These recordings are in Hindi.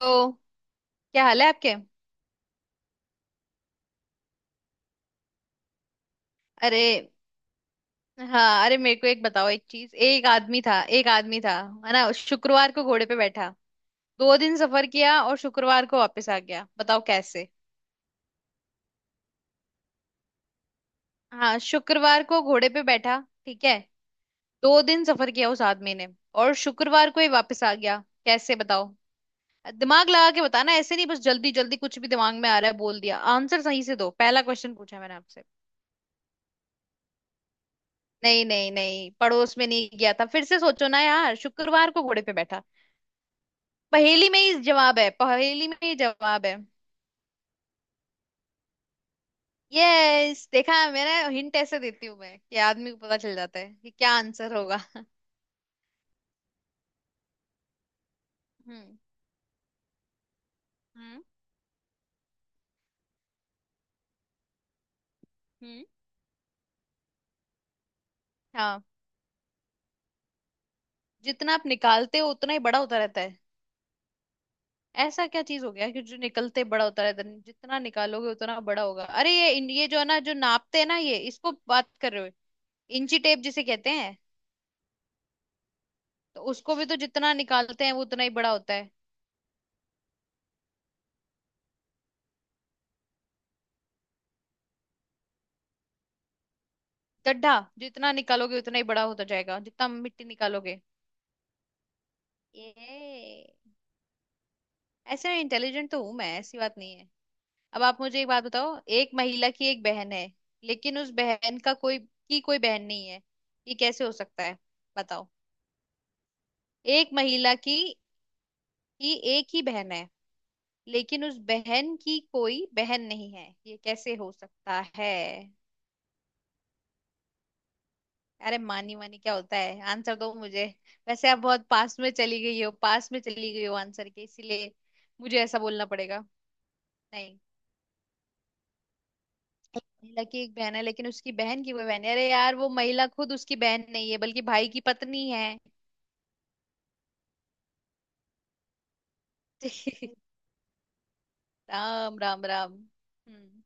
तो क्या हाल है आपके। अरे हाँ, अरे मेरे को एक बताओ एक चीज। एक आदमी था एक आदमी था, है ना, शुक्रवार को घोड़े पे बैठा, दो दिन सफर किया और शुक्रवार को वापस आ गया, बताओ कैसे। हाँ, शुक्रवार को घोड़े पे बैठा, ठीक है। दो दिन सफर किया उस आदमी ने और शुक्रवार को ही वापस आ गया। कैसे बताओ। दिमाग लगा के बताना, ऐसे नहीं बस जल्दी जल्दी कुछ भी दिमाग में आ रहा है बोल दिया। आंसर सही से दो, पहला क्वेश्चन पूछा मैंने आपसे। नहीं नहीं नहीं, पड़ोस में नहीं गया था, फिर से सोचो ना यार, शुक्रवार को घोड़े पे बैठा। पहेली में ही जवाब है, पहेली में ही जवाब है। यस, देखा, मैंने हिंट ऐसे देती हूँ मैं कि आदमी को पता चल जाता है कि क्या आंसर होगा। हम्म। हम्म। हम्म। हाँ, जितना आप निकालते हो उतना ही बड़ा होता रहता है। ऐसा क्या चीज हो गया कि जो निकलते बड़ा होता रहता है, जितना निकालोगे उतना बड़ा होगा। अरे ये ये जो है ना, जो नापते हैं ना, ये इसको बात कर रहे हो, इंची टेप जिसे कहते हैं। तो उसको भी तो जितना निकालते हैं वो उतना ही बड़ा होता है। गड्ढा। जितना निकालोगे उतना ही बड़ा होता जाएगा, जितना मिट्टी निकालोगे। ये ऐसे इंटेलिजेंट तो हूं मैं, ऐसी बात नहीं है। अब आप मुझे एक बात बताओ, एक महिला की एक बहन है, लेकिन उस बहन का कोई की कोई बहन नहीं है, ये कैसे हो सकता है बताओ। एक महिला की एक ही बहन है, लेकिन उस बहन की कोई बहन नहीं है, ये कैसे हो सकता है। अरे मानी मानी क्या होता है, आंसर दो मुझे। वैसे आप बहुत पास में चली गई हो, पास में चली गई हो आंसर के, इसीलिए मुझे ऐसा बोलना पड़ेगा नहीं। महिला की एक बहन है लेकिन उसकी बहन की वो बहन है, अरे यार वो महिला खुद उसकी बहन नहीं है, बल्कि भाई की पत्नी है। राम राम राम। हम्म।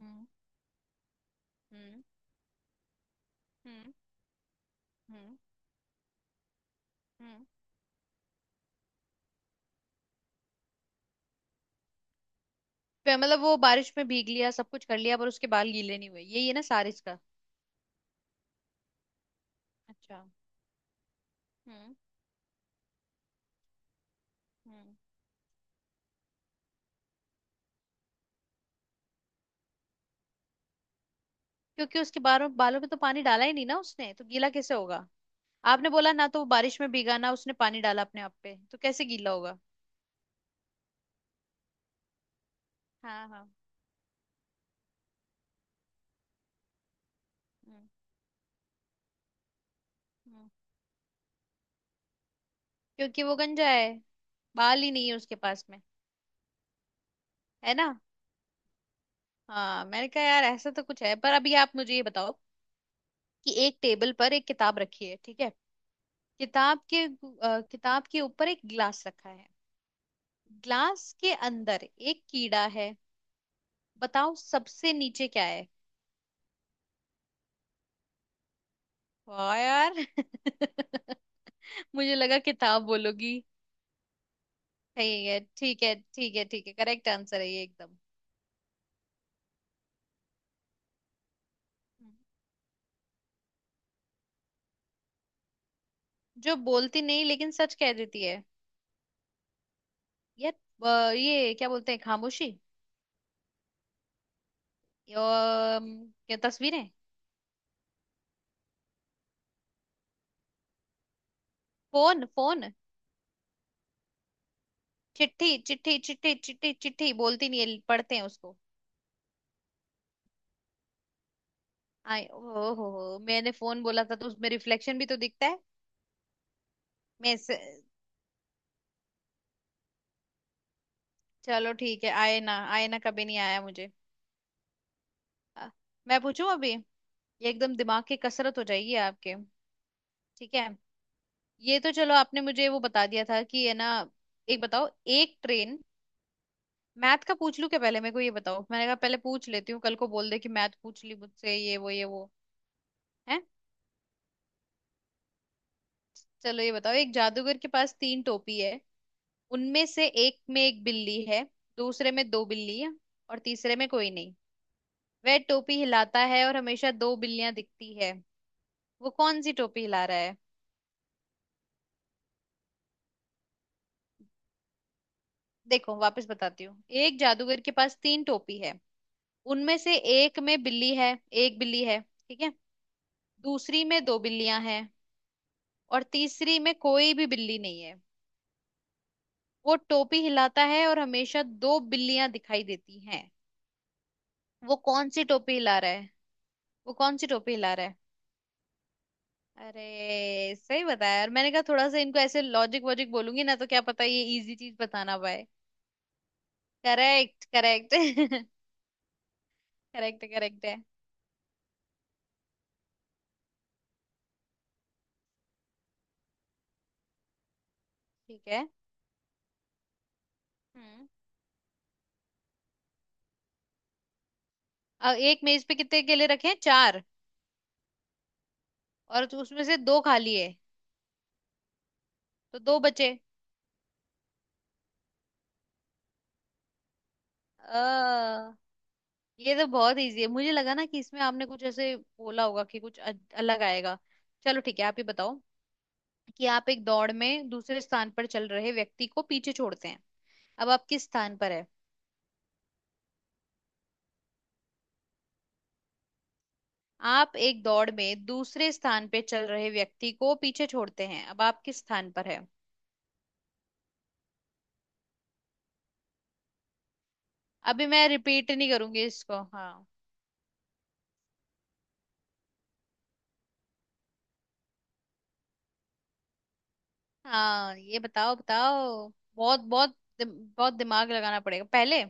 हम्म। हम्म। हम्म। हम्म। हम्म। फिर मतलब वो बारिश में भीग लिया सब कुछ कर लिया पर उसके बाल गीले नहीं हुए, यही है ना सारिस का। अच्छा। हम्म। हम्म। क्योंकि उसके बालों बालों में तो पानी डाला ही नहीं ना उसने, तो गीला कैसे होगा। आपने बोला ना तो वो बारिश में भीगा ना, उसने पानी डाला अपने आप पे, तो कैसे गीला होगा। हाँ हाँ। हम्म। हम्म। क्योंकि वो गंजा है, बाल ही नहीं है उसके पास में। है ना। हाँ, मैंने कहा यार ऐसा तो कुछ है। पर अभी आप मुझे ये बताओ कि एक टेबल पर एक किताब रखी है, ठीक है। किताब के ऊपर एक गिलास रखा है। ग्लास के अंदर एक कीड़ा है। बताओ सबसे नीचे क्या है। वाह यार। मुझे लगा किताब बोलोगी। ठीक है ठीक है ठीक है ठीक है, करेक्ट आंसर है ये एकदम। हम्म। जो बोलती नहीं लेकिन सच कह देती है, ये क्या बोलते हैं, खामोशी। अम, क्या, तस्वीरें। Phone phone. चिट्ठी चिट्ठी चिट्ठी चिट्ठी चिट्ठी बोलती नहीं है, पढ़ते हैं उसको। आई ओ। हो, मैंने फोन बोला था तो उसमें रिफ्लेक्शन भी तो दिखता है। मैं इस- चलो ठीक है, आए ना आए ना, कभी नहीं आया मुझे। अ, मैं पूछूं अभी ये, एकदम दिमाग की कसरत हो जाएगी आपके। ठीक है। ये तो चलो आपने मुझे वो बता दिया था, कि है ना। एक बताओ, एक ट्रेन। मैथ का पूछ लूं क्या पहले, मेरे को ये बताओ, मैंने कहा पहले पूछ लेती हूँ, कल को बोल दे कि मैथ पूछ ली मुझसे, ये वो है। चलो ये बताओ, एक जादूगर के पास तीन टोपी है। उनमें से एक में एक बिल्ली है, दूसरे में दो बिल्ली है, और तीसरे में कोई नहीं। वह टोपी हिलाता है और हमेशा दो बिल्लियां दिखती है। वो कौन सी टोपी हिला रहा है। देखो वापस बताती हूँ, एक जादूगर के पास तीन टोपी है, उनमें से एक में बिल्ली है, एक बिल्ली है, ठीक है। दूसरी में दो बिल्लियां हैं, और तीसरी में कोई भी बिल्ली नहीं है। वो टोपी हिलाता है और हमेशा दो बिल्लियां दिखाई देती हैं, वो कौन सी टोपी हिला रहा है। वो कौन सी टोपी हिला रहा है। अरे सही बताया यार, मैंने कहा थोड़ा सा इनको ऐसे लॉजिक वॉजिक बोलूंगी ना, तो क्या पता ये इजी चीज बताना पाए। Correct correct. करेक्ट करेक्ट है। ठीक है। हम्म। अब एक मेज पे कितने केले रखे हैं, चार, और तो उसमें से दो खाली है, तो दो बचे। अ, ये तो बहुत इजी है, मुझे लगा ना कि इसमें आपने कुछ ऐसे बोला होगा कि कुछ अलग आएगा। चलो ठीक है, आप ही बताओ कि आप एक दौड़ में दूसरे स्थान पर चल रहे व्यक्ति को पीछे छोड़ते हैं, अब आप किस स्थान पर है। आप एक दौड़ में दूसरे स्थान पे चल रहे व्यक्ति को पीछे छोड़ते हैं, अब आप किस स्थान पर है। अभी मैं रिपीट नहीं करूंगी इसको। हाँ हाँ, ये बताओ बताओ। बहुत बहुत बहुत दिमाग लगाना पड़ेगा, पहले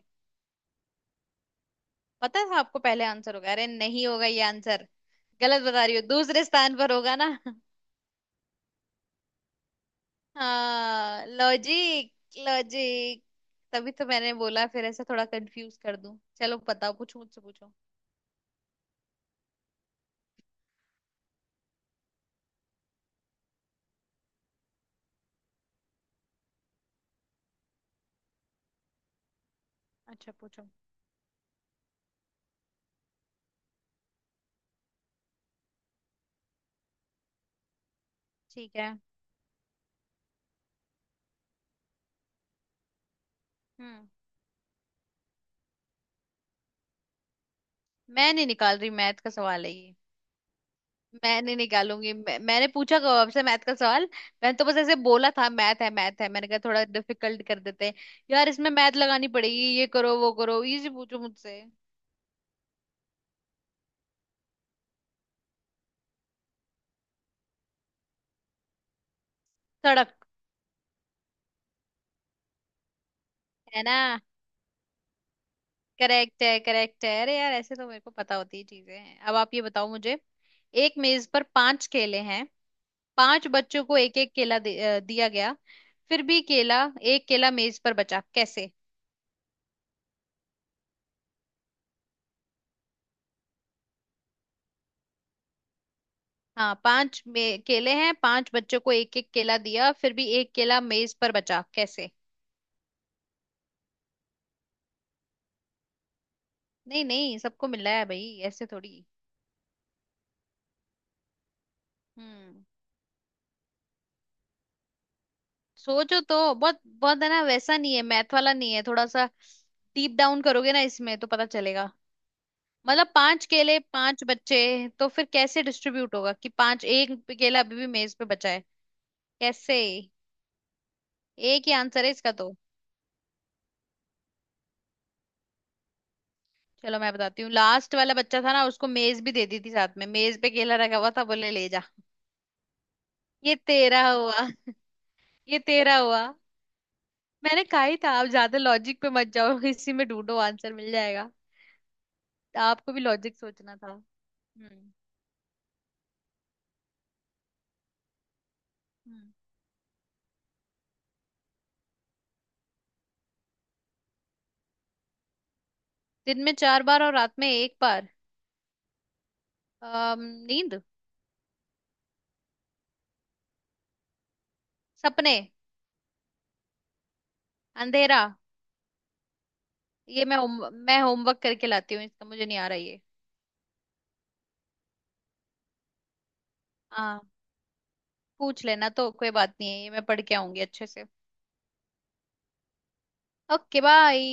पता था आपको पहले आंसर होगा, अरे नहीं होगा ये आंसर, गलत बता रही हो, दूसरे स्थान पर होगा ना। हाँ, लॉजिक लॉजिक, तभी तो मैंने बोला फिर ऐसे थोड़ा कंफ्यूज कर दूं। चलो बताओ, पूछो मुझसे पूछो। अच्छा पूछो। ठीक है। हम्म। मैं नहीं निकाल रही, मैथ का सवाल है ये। मैं नहीं निकालूंगी मैं, मैंने पूछा कब आपसे मैथ का सवाल। मैंने तो बस ऐसे बोला था मैथ है मैथ है, मैंने कहा थोड़ा डिफिकल्ट कर देते हैं। यार, इसमें मैथ लगानी पड़ेगी, ये करो वो करो, इजी पूछो मुझसे। सड़क। है ना। करेक्ट है करेक्ट है, अरे यार ऐसे तो मेरे को पता होती ही चीजें हैं। अब आप ये बताओ मुझे, एक मेज पर पांच केले हैं, पांच बच्चों को एक एक दिया गया। फिर भी केला, एक केला मेज पर बचा कैसे। हाँ, केले हैं पांच, बच्चों को एक एक केला दिया फिर भी एक केला मेज पर बचा कैसे। नहीं नहीं, सबको मिल रहा है भाई, ऐसे थोड़ी। हम्म। सोचो तो बहुत, बहुत है ना, वैसा नहीं है, मैथ वाला नहीं है, थोड़ा सा डीप डाउन करोगे ना इसमें तो पता चलेगा। मतलब पांच केले पांच बच्चे, तो फिर कैसे डिस्ट्रीब्यूट होगा कि पांच, एक केला अभी भी मेज पे बचा है, कैसे। एक ही आंसर है इसका तो। चलो मैं बताती हूँ, लास्ट वाला बच्चा था ना, उसको मेज भी दे दी थी साथ में, मेज पे केला रखा हुआ था, बोले ले जा, ये तेरा हुआ, ये तेरा हुआ। मैंने कहा ही था आप ज्यादा लॉजिक पे मत जाओ, इसी में ढूंढो आंसर मिल जाएगा। आपको भी लॉजिक सोचना था। हम्म। हम्म। दिन में चार बार और रात में एक बार। अम, नींद। सपने। अंधेरा। ये मैं होमवर्क करके लाती हूँ, इसका मुझे नहीं आ रहा ये। हाँ, पूछ लेना तो कोई बात नहीं है, ये मैं पढ़ के आऊंगी अच्छे से। Okay bye.